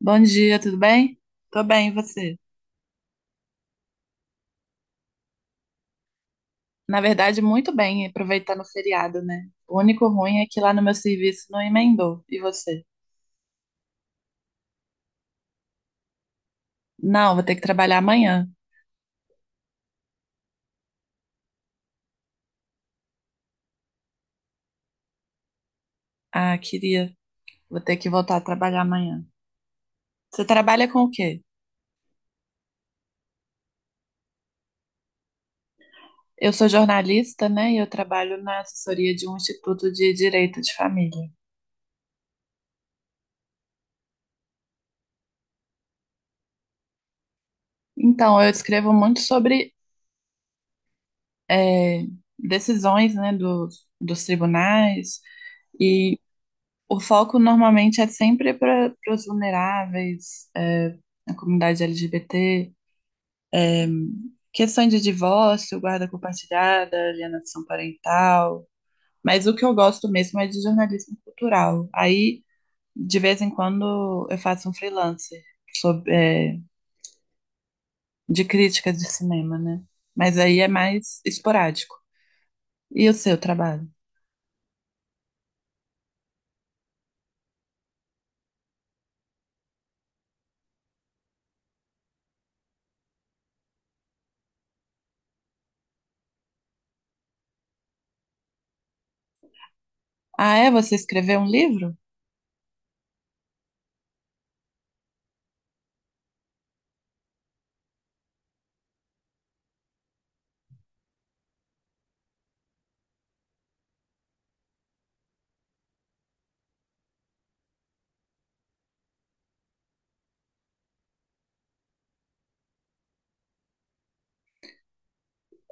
Bom dia, tudo bem? Tô bem, e você? Na verdade, muito bem, aproveitando o feriado, né? O único ruim é que lá no meu serviço não emendou. E você? Não, vou ter que trabalhar amanhã. Ah, queria. Vou ter que voltar a trabalhar amanhã. Você trabalha com o quê? Eu sou jornalista, né? E eu trabalho na assessoria de um instituto de direito de família. Então, eu escrevo muito sobre eh, decisões, né, dos tribunais. E o foco normalmente é sempre para os vulneráveis, é, a comunidade LGBT, é, questões de divórcio, guarda compartilhada, alienação parental. Mas o que eu gosto mesmo é de jornalismo cultural. Aí, de vez em quando, eu faço um freelancer sobre, é, de crítica de cinema, né? Mas aí é mais esporádico. E o seu trabalho? Ah, é? Você escreveu um livro?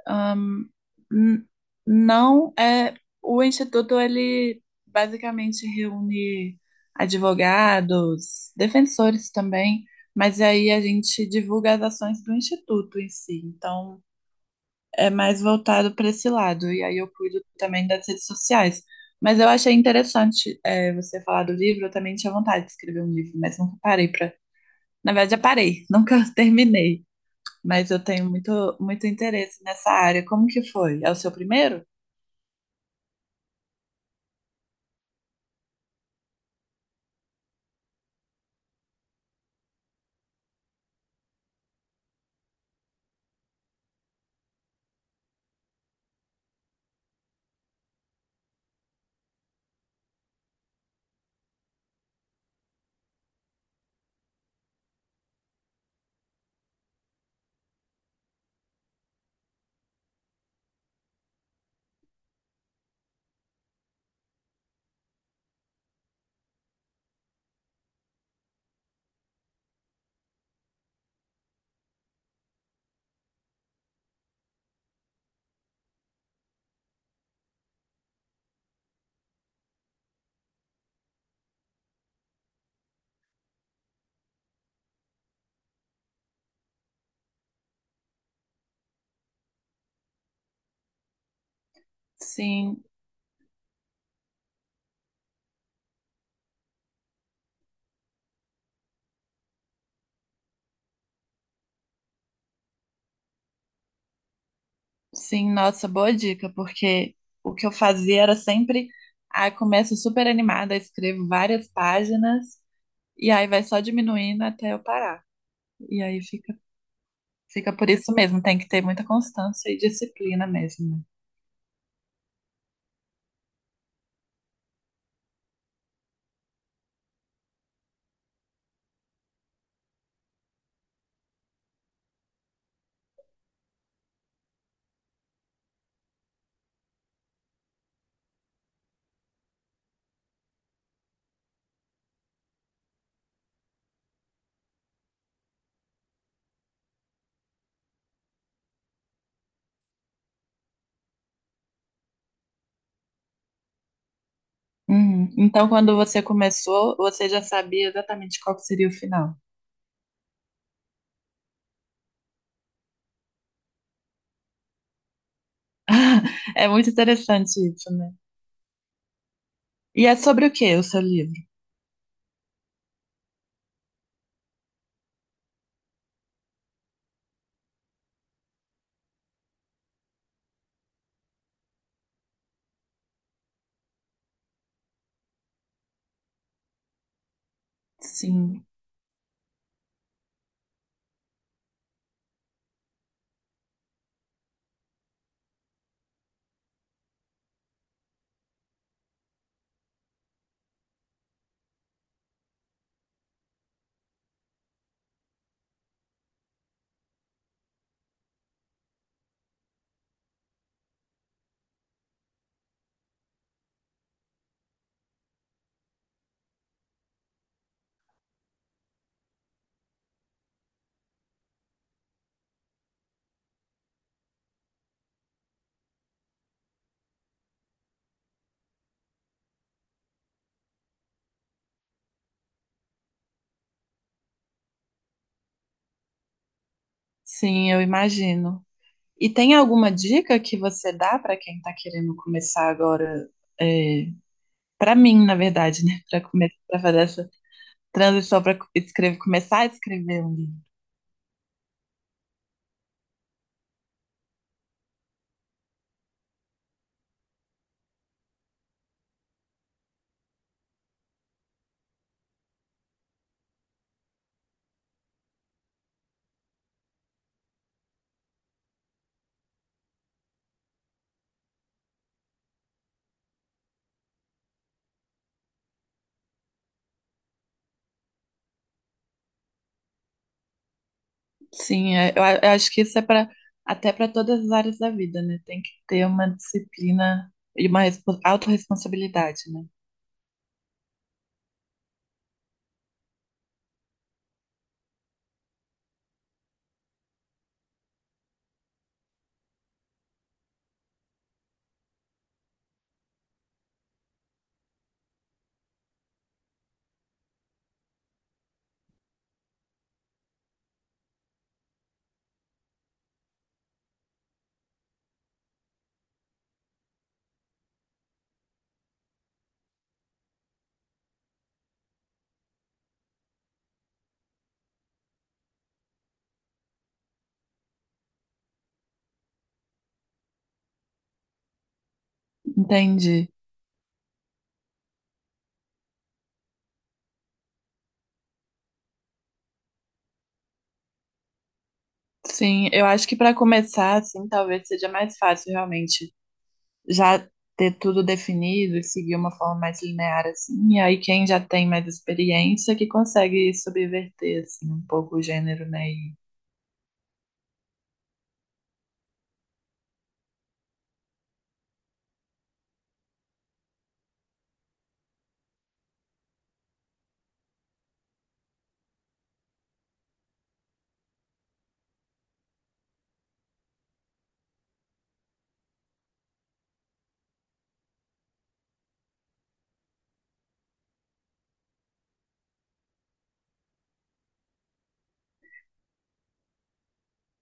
Ahn, n- não é. O Instituto, ele basicamente reúne advogados, defensores também, mas aí a gente divulga as ações do Instituto em si. Então, é mais voltado para esse lado. E aí eu cuido também das redes sociais. Mas eu achei interessante, é, você falar do livro, eu também tinha vontade de escrever um livro, mas nunca parei para. Na verdade, já parei, nunca terminei, mas eu tenho muito interesse nessa área. Como que foi? É o seu primeiro? Sim, sim, nossa, boa dica, porque o que eu fazia era sempre, ah, começo super animada, escrevo várias páginas e aí vai só diminuindo até eu parar. E aí fica por isso mesmo, tem que ter muita constância e disciplina mesmo, né? Uhum. Então, quando você começou, você já sabia exatamente qual que seria o final. É muito interessante isso, né? E é sobre o que o seu livro? Sim. Sim, eu imagino. E tem alguma dica que você dá para quem está querendo começar agora? É, para mim, na verdade, né? Para começar, para fazer essa transição para escrever, começar a escrever um livro. Sim, é, eu acho que isso é para até para todas as áreas da vida, né? Tem que ter uma disciplina e uma autorresponsabilidade, né? Entendi. Sim, eu acho que para começar, assim, talvez seja mais fácil realmente já ter tudo definido e seguir uma forma mais linear assim, e aí quem já tem mais experiência que consegue subverter assim um pouco o gênero, né? E,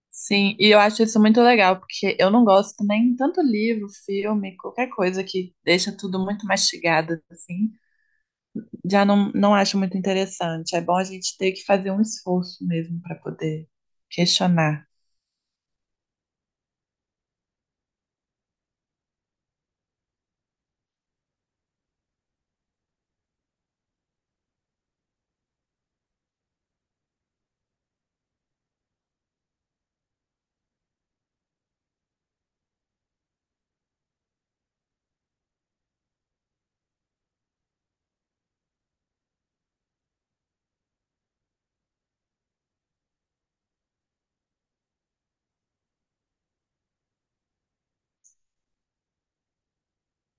sim, e eu acho isso muito legal, porque eu não gosto também tanto livro, filme, qualquer coisa que deixa tudo muito mastigado assim, já não acho muito interessante. É bom a gente ter que fazer um esforço mesmo para poder questionar.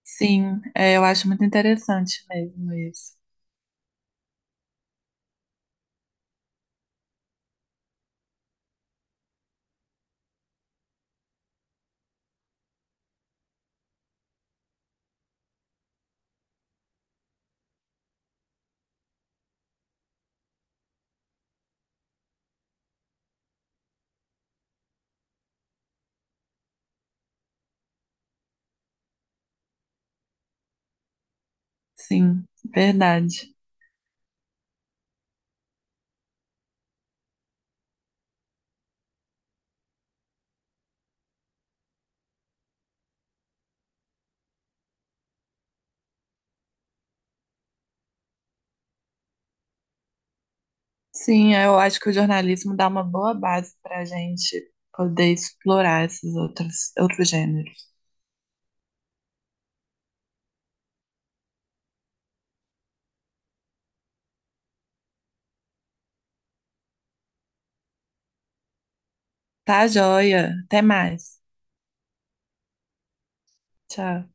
Sim, é, eu acho muito interessante mesmo isso. Sim, verdade. Sim, eu acho que o jornalismo dá uma boa base para a gente poder explorar esses outros gêneros. Tá, joia. Até mais. Tchau.